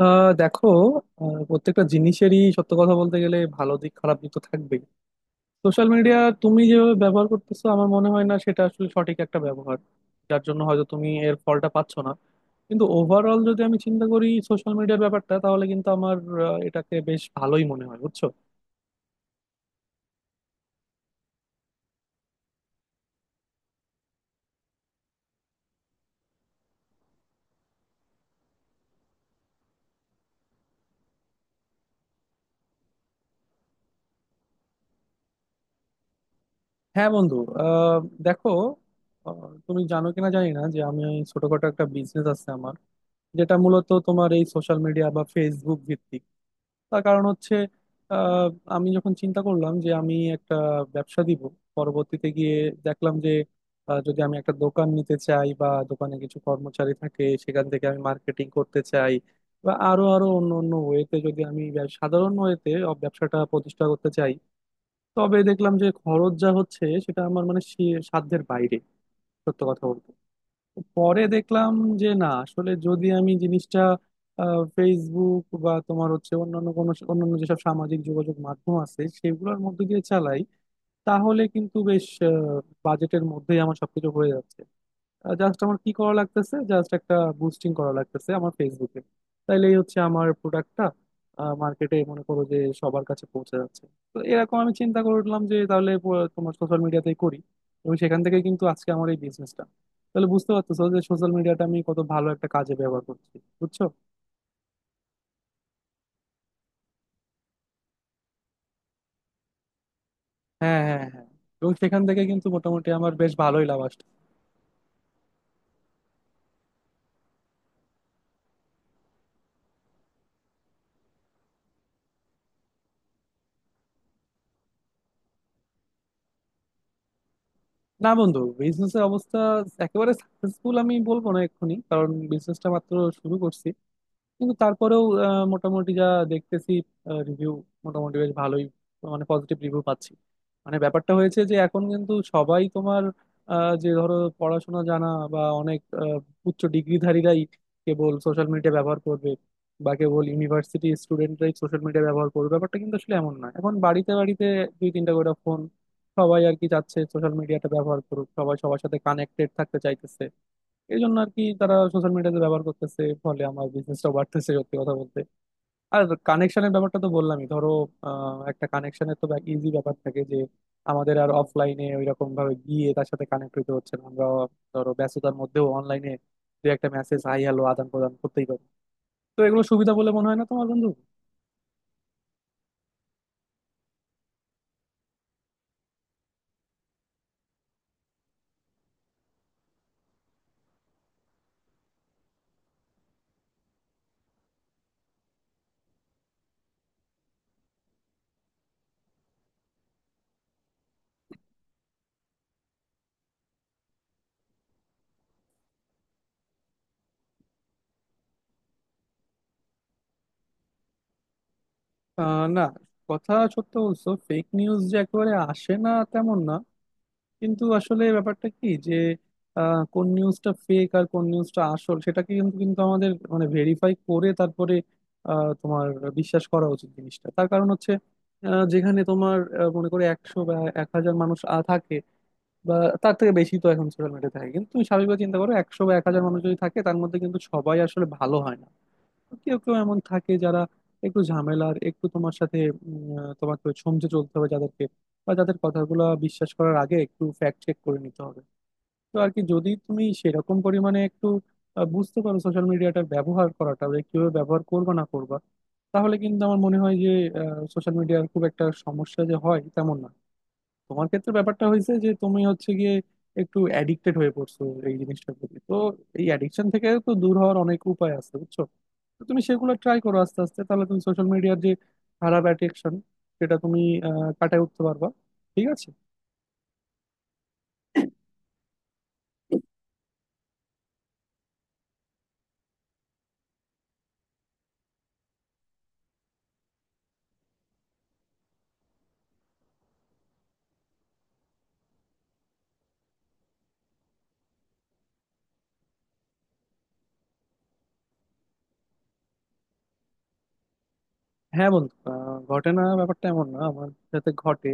দেখো। প্রত্যেকটা জিনিসেরই সত্য কথা বলতে গেলে ভালো দিক খারাপ দিক তো থাকবেই। সোশ্যাল মিডিয়া তুমি যেভাবে ব্যবহার করতেছো আমার মনে হয় না সেটা আসলে সঠিক একটা ব্যবহার, যার জন্য হয়তো তুমি এর ফলটা পাচ্ছ না। কিন্তু ওভারঅল যদি আমি চিন্তা করি সোশ্যাল মিডিয়ার ব্যাপারটা, তাহলে কিন্তু আমার এটাকে বেশ ভালোই মনে হয়, বুঝছো। হ্যাঁ বন্ধু। আহ, দেখো। আহ, তুমি জানো কিনা জানি না যে আমি ছোটখাটো একটা বিজনেস আছে আমার, যেটা মূলত তোমার এই সোশ্যাল মিডিয়া বা ফেসবুক ভিত্তিক। তার কারণ হচ্ছে, আহ, আমি যখন চিন্তা করলাম যে আমি একটা ব্যবসা দিব, পরবর্তীতে গিয়ে দেখলাম যে যদি আমি একটা দোকান নিতে চাই বা দোকানে কিছু কর্মচারী থাকে সেখান থেকে আমি মার্কেটিং করতে চাই, বা আরো আরো অন্য অন্য ওয়েতে যদি আমি সাধারণ ওয়েতে ব্যবসাটা প্রতিষ্ঠা করতে চাই, তবে দেখলাম যে খরচ যা হচ্ছে সেটা আমার মানে সাধ্যের বাইরে, সত্য কথা বলতে। পরে দেখলাম যে না, আসলে যদি আমি জিনিসটা ফেসবুক বা তোমার হচ্ছে অন্যান্য কোনো অন্যান্য যেসব সামাজিক যোগাযোগ মাধ্যম আছে সেগুলোর মধ্যে দিয়ে চালাই, তাহলে কিন্তু বেশ বাজেটের মধ্যেই আমার সবকিছু হয়ে যাচ্ছে। জাস্ট আমার কি করা লাগতেছে, জাস্ট একটা বুস্টিং করা লাগতেছে আমার ফেসবুকে, তাইলেই হচ্ছে আমার প্রোডাক্টটা মার্কেটে মনে করো যে সবার কাছে পৌঁছে যাচ্ছে। তো এরকম আমি চিন্তা করলাম যে তাহলে তোমার সোশ্যাল মিডিয়াতেই করি, এবং সেখান থেকে কিন্তু আজকে আমার এই বিজনেসটা। তাহলে বুঝতে পারতেছো যে সোশ্যাল মিডিয়াটা আমি কত ভালো একটা কাজে ব্যবহার করছি, বুঝছো। হ্যাঁ, হ্যাঁ, হ্যাঁ, এবং সেখান থেকে কিন্তু মোটামুটি আমার বেশ ভালোই লাভ আসছে। না বন্ধু, বিজনেস এর অবস্থা একেবারে সাকসেসফুল আমি বলবো না এক্ষুনি, কারণ বিজনেসটা মাত্র শুরু করছি। কিন্তু তারপরেও মোটামুটি যা দেখতেছি, রিভিউ মোটামুটি বেশ ভালোই, মানে পজিটিভ রিভিউ পাচ্ছি। মানে ব্যাপারটা হয়েছে যে এখন কিন্তু সবাই তোমার যে ধরো পড়াশোনা জানা বা অনেক উচ্চ ডিগ্রিধারীরাই কেবল সোশ্যাল মিডিয়া ব্যবহার করবে বা কেবল ইউনিভার্সিটি স্টুডেন্টরাই সোশ্যাল মিডিয়া ব্যবহার করবে, ব্যাপারটা কিন্তু আসলে এমন না। এখন বাড়িতে বাড়িতে দুই তিনটা করে ফোন। সবাই আর কি চাচ্ছে সোশ্যাল মিডিয়াটা ব্যবহার করুক, সবাই সবার সাথে কানেক্টেড থাকতে চাইতেছে। এই জন্য আর কি তারা সোশ্যাল মিডিয়াতে ব্যবহার করতেছে, ফলে আমার বিজনেসটা বাড়তেছে, সত্যি কথা বলতে। আর কানেকশনের ব্যাপারটা তো বললামই, ধরো একটা কানেকশনের তো ইজি ব্যাপার থাকে, যে আমাদের আর অফলাইনে ওইরকম ভাবে গিয়ে তার সাথে কানেক্ট হতে হচ্ছে না, আমরা ধরো ব্যস্ততার মধ্যেও অনলাইনে দু একটা মেসেজ হাই হ্যালো আদান প্রদান করতেই পারি। তো এগুলো সুবিধা বলে মনে হয় না তোমার বন্ধু? না, কথা সত্য বলছো, ফেক নিউজ যে একেবারে আসে না তেমন না। কিন্তু আসলে ব্যাপারটা কি যে কোন নিউজটা ফেক আর কোন নিউজটা আসল সেটাকে কিন্তু কিন্তু আমাদের মানে ভেরিফাই করে তারপরে তোমার বিশ্বাস করা উচিত জিনিসটা। তার কারণ হচ্ছে, যেখানে তোমার মনে করে 100 বা 1,000 মানুষ থাকে, বা তার থেকে বেশি তো এখন সোশ্যাল মিডিয়া থাকে, কিন্তু তুমি স্বাভাবিকভাবে চিন্তা করো, 100 বা 1,000 মানুষ যদি থাকে তার মধ্যে কিন্তু সবাই আসলে ভালো হয় না। কেউ কেউ এমন থাকে যারা একটু ঝামেলার, একটু তোমার সাথে তোমাকে সমঝে চলতে হবে যাদেরকে, বা যাদের কথাগুলো বিশ্বাস করার আগে একটু ফ্যাক্ট চেক করে নিতে হবে। তো আর কি যদি তুমি সেরকম পরিমাণে একটু বুঝতে পারো সোশ্যাল মিডিয়াটার ব্যবহার করাটা, যে কিভাবে ব্যবহার করবা না করবা, তাহলে কিন্তু আমার মনে হয় যে সোশ্যাল মিডিয়ার খুব একটা সমস্যা যে হয় তেমন না। তোমার ক্ষেত্রে ব্যাপারটা হয়েছে যে তুমি হচ্ছে গিয়ে একটু অ্যাডিক্টেড হয়ে পড়ছো এই জিনিসটার প্রতি। তো এই অ্যাডিকশন থেকে তো দূর হওয়ার অনেক উপায় আছে, বুঝছো। তো তুমি সেগুলো ট্রাই করো আস্তে আস্তে, তাহলে তুমি সোশ্যাল মিডিয়ার যে খারাপ অ্যাডিকশন, সেটা তুমি কাটায় উঠতে পারবা। ঠিক আছে। হ্যাঁ বন্ধু, ঘটে না ব্যাপারটা এমন না, আমার সাথে ঘটে।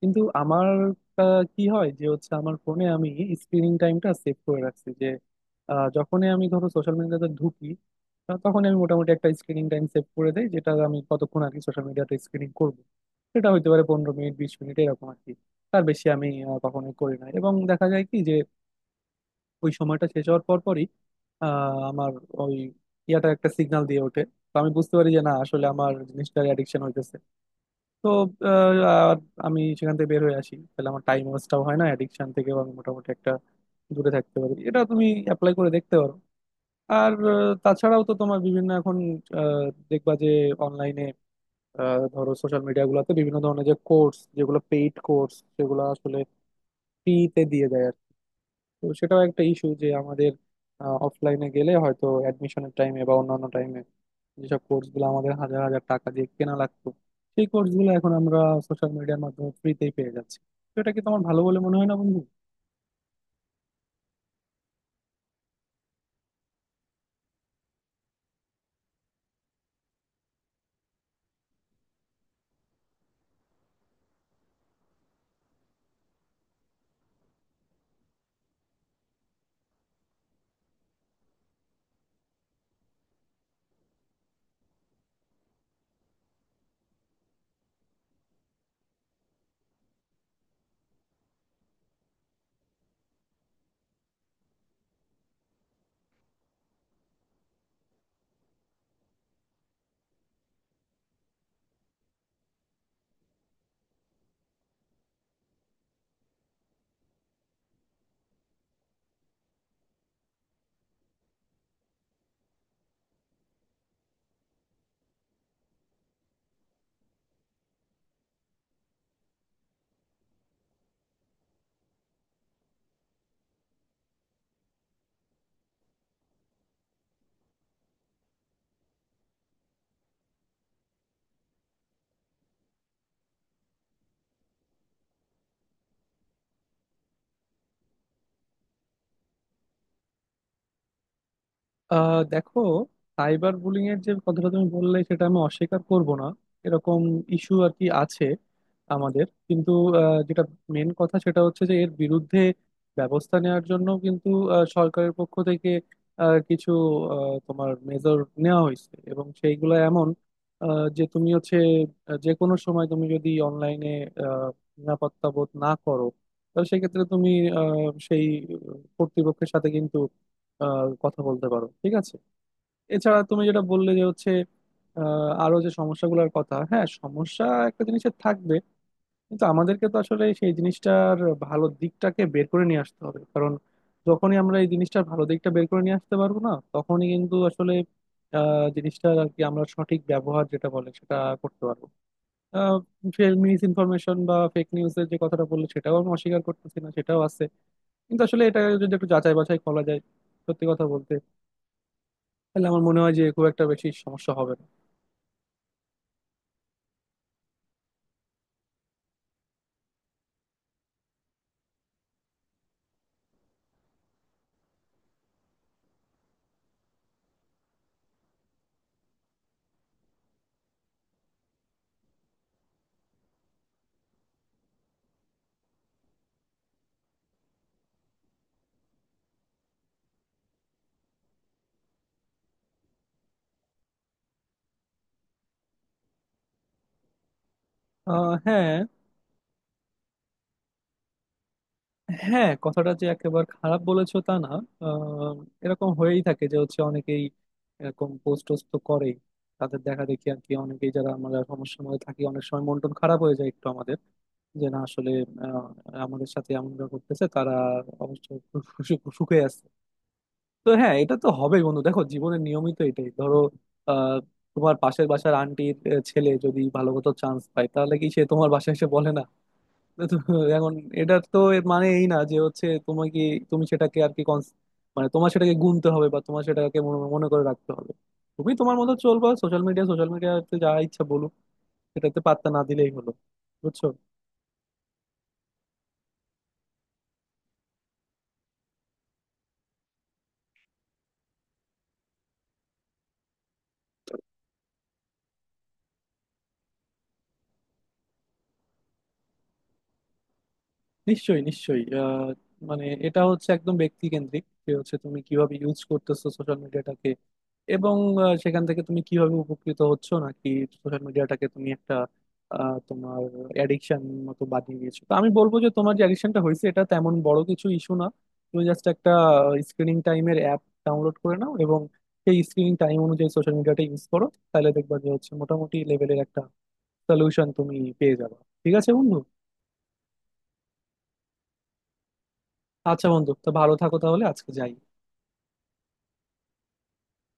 কিন্তু আমার কি হয় যে হচ্ছে আমার ফোনে আমি স্ক্রিনিং টাইমটা সেভ করে রাখছি, যে যখনই আমি ধরো সোশ্যাল মিডিয়াতে ঢুকি তখনই আমি মোটামুটি একটা স্ক্রিনিং টাইম সেভ করে দেই, যেটা আমি কতক্ষণ আর কি সোশ্যাল মিডিয়াতে স্ক্রিনিং করব। সেটা হইতে পারে 15 মিনিট, 20 মিনিট, এরকম আর কি। তার বেশি আমি কখনোই করি না। এবং দেখা যায় কি যে ওই সময়টা শেষ হওয়ার পর পরই আমার ওই ইয়াটা একটা সিগন্যাল দিয়ে ওঠে। তো আমি বুঝতে পারি যে না আসলে আমার জিনিসটার অ্যাডিকশন হইতেছে। তো আহ, আর আমি সেখান থেকে বের হয়ে আসি, তাহলে আমার টাইম ওয়েস্টটাও হয় না, অ্যাডিকশন থেকেও আমি মোটামুটি একটা দূরে থাকতে পারি। এটা তুমি অ্যাপ্লাই করে দেখতে পারো। আর তাছাড়াও তো তোমার বিভিন্ন এখন আহ, দেখবা যে অনলাইনে ধরো সোশ্যাল মিডিয়া গুলোতে বিভিন্ন ধরনের যে কোর্স, যেগুলো পেইড কোর্স, সেগুলো আসলে ফ্রিতে দিয়ে দেয়। তো সেটাও একটা ইস্যু যে আমাদের অফলাইনে গেলে হয়তো অ্যাডমিশনের টাইমে বা অন্যান্য টাইমে যেসব কোর্সগুলো আমাদের হাজার হাজার টাকা দিয়ে কেনা লাগতো, সেই কোর্সগুলো এখন আমরা সোশ্যাল মিডিয়ার মাধ্যমে ফ্রিতেই পেয়ে যাচ্ছি। তো এটা কি তোমার ভালো বলে মনে হয় না বন্ধু? দেখো, সাইবার বুলিং এর যে কথাটা তুমি বললে সেটা আমি অস্বীকার করব না, এরকম ইস্যু আর কি আছে আমাদের। কিন্তু যেটা মেন কথা সেটা হচ্ছে যে এর বিরুদ্ধে ব্যবস্থা নেওয়ার জন্য কিন্তু সরকারের পক্ষ থেকে কিছু তোমার মেজর নেওয়া হয়েছে, এবং সেইগুলো এমন যে তুমি হচ্ছে যে কোনো সময় তুমি যদি অনলাইনে নিরাপত্তা বোধ না করো, তাহলে সেক্ষেত্রে তুমি সেই কর্তৃপক্ষের সাথে কিন্তু কথা বলতে পারো। ঠিক আছে। এছাড়া তুমি যেটা বললে যে হচ্ছে আরো যে সমস্যাগুলোর কথা, হ্যাঁ সমস্যা একটা জিনিসের থাকবে, কিন্তু আমাদেরকে তো আসলে সেই জিনিসটার ভালো দিকটাকে বের করে নিয়ে আসতে হবে। কারণ যখনই আমরা এই জিনিসটার ভালো দিকটা বের করে নিয়ে আসতে পারবো না, তখনই কিন্তু আসলে জিনিসটার আর কি আমরা সঠিক ব্যবহার যেটা বলে সেটা করতে পারবো। মিস ইনফরমেশন বা ফেক নিউজের যে কথাটা বললে সেটাও আমি অস্বীকার করতেছি না, সেটাও আছে, কিন্তু আসলে এটা যদি একটু যাচাই বাছাই করা যায় সত্যি কথা বলতে, তাহলে আমার মনে হয় যে খুব একটা বেশি সমস্যা হবে না। হ্যাঁ। হ্যাঁ, কথাটা যে একেবারে খারাপ বলেছো তা না। আহ, এরকম হয়েই থাকে যে হচ্ছে অনেকেই এরকম পোস্ট টোস্ট তো করেই। তাদের দেখা দেখি আর কি অনেকেই, যারা আমরা সমস্যার মধ্যে থাকি, অনেক সময় মন টন খারাপ হয়ে যায় একটু আমাদের, যে না আসলে আহ, আমাদের সাথে এমনটা করতেছে তারা অবশ্য সু- সু- সুখে আছে। তো হ্যাঁ, এটা তো হবে বন্ধু। দেখো জীবনের নিয়মিত এটাই, ধরো আহ, তোমার পাশের বাসার আন্টির ছেলে যদি ভালো মতো চান্স পায় তাহলে কি সে তোমার বাসায় এসে বলে না? তো এখন এটার তো এর মানে এই না যে হচ্ছে তোমার কি, তুমি সেটাকে আর কি মানে তোমার সেটাকে গুনতে হবে বা তোমার সেটাকে মনে মনে করে রাখতে হবে। তুমি তোমার মতো চলবা, সোশ্যাল মিডিয়া সোশ্যাল মিডিয়াতে যা ইচ্ছা বলুক, সেটাতে পাত্তা না দিলেই হলো, বুঝছো। নিশ্চয়ই, নিশ্চয়ই। মানে এটা হচ্ছে একদম ব্যক্তিকেন্দ্রিক যে হচ্ছে তুমি কিভাবে ইউজ করতেছো সোশ্যাল মিডিয়াটাকে, এবং সেখান থেকে তুমি কিভাবে উপকৃত হচ্ছ, নাকি সোশ্যাল মিডিয়াটাকে তুমি একটা তোমার অ্যাডিকশন মতো বানিয়ে দিয়েছো। তো আমি বলবো যে তোমার যে অ্যাডিকশনটা হয়েছে এটা তেমন বড় কিছু ইস্যু না। তুমি জাস্ট একটা স্ক্রিনিং টাইমের অ্যাপ ডাউনলোড করে নাও, এবং সেই স্ক্রিনিং টাইম অনুযায়ী সোশ্যাল মিডিয়াটা ইউজ করো। তাহলে দেখবা যে হচ্ছে মোটামুটি লেভেলের একটা সলিউশন তুমি পেয়ে যাবে। ঠিক আছে বন্ধু। আচ্ছা বন্ধু, তো ভালো থাকো, তাহলে আজকে যাই।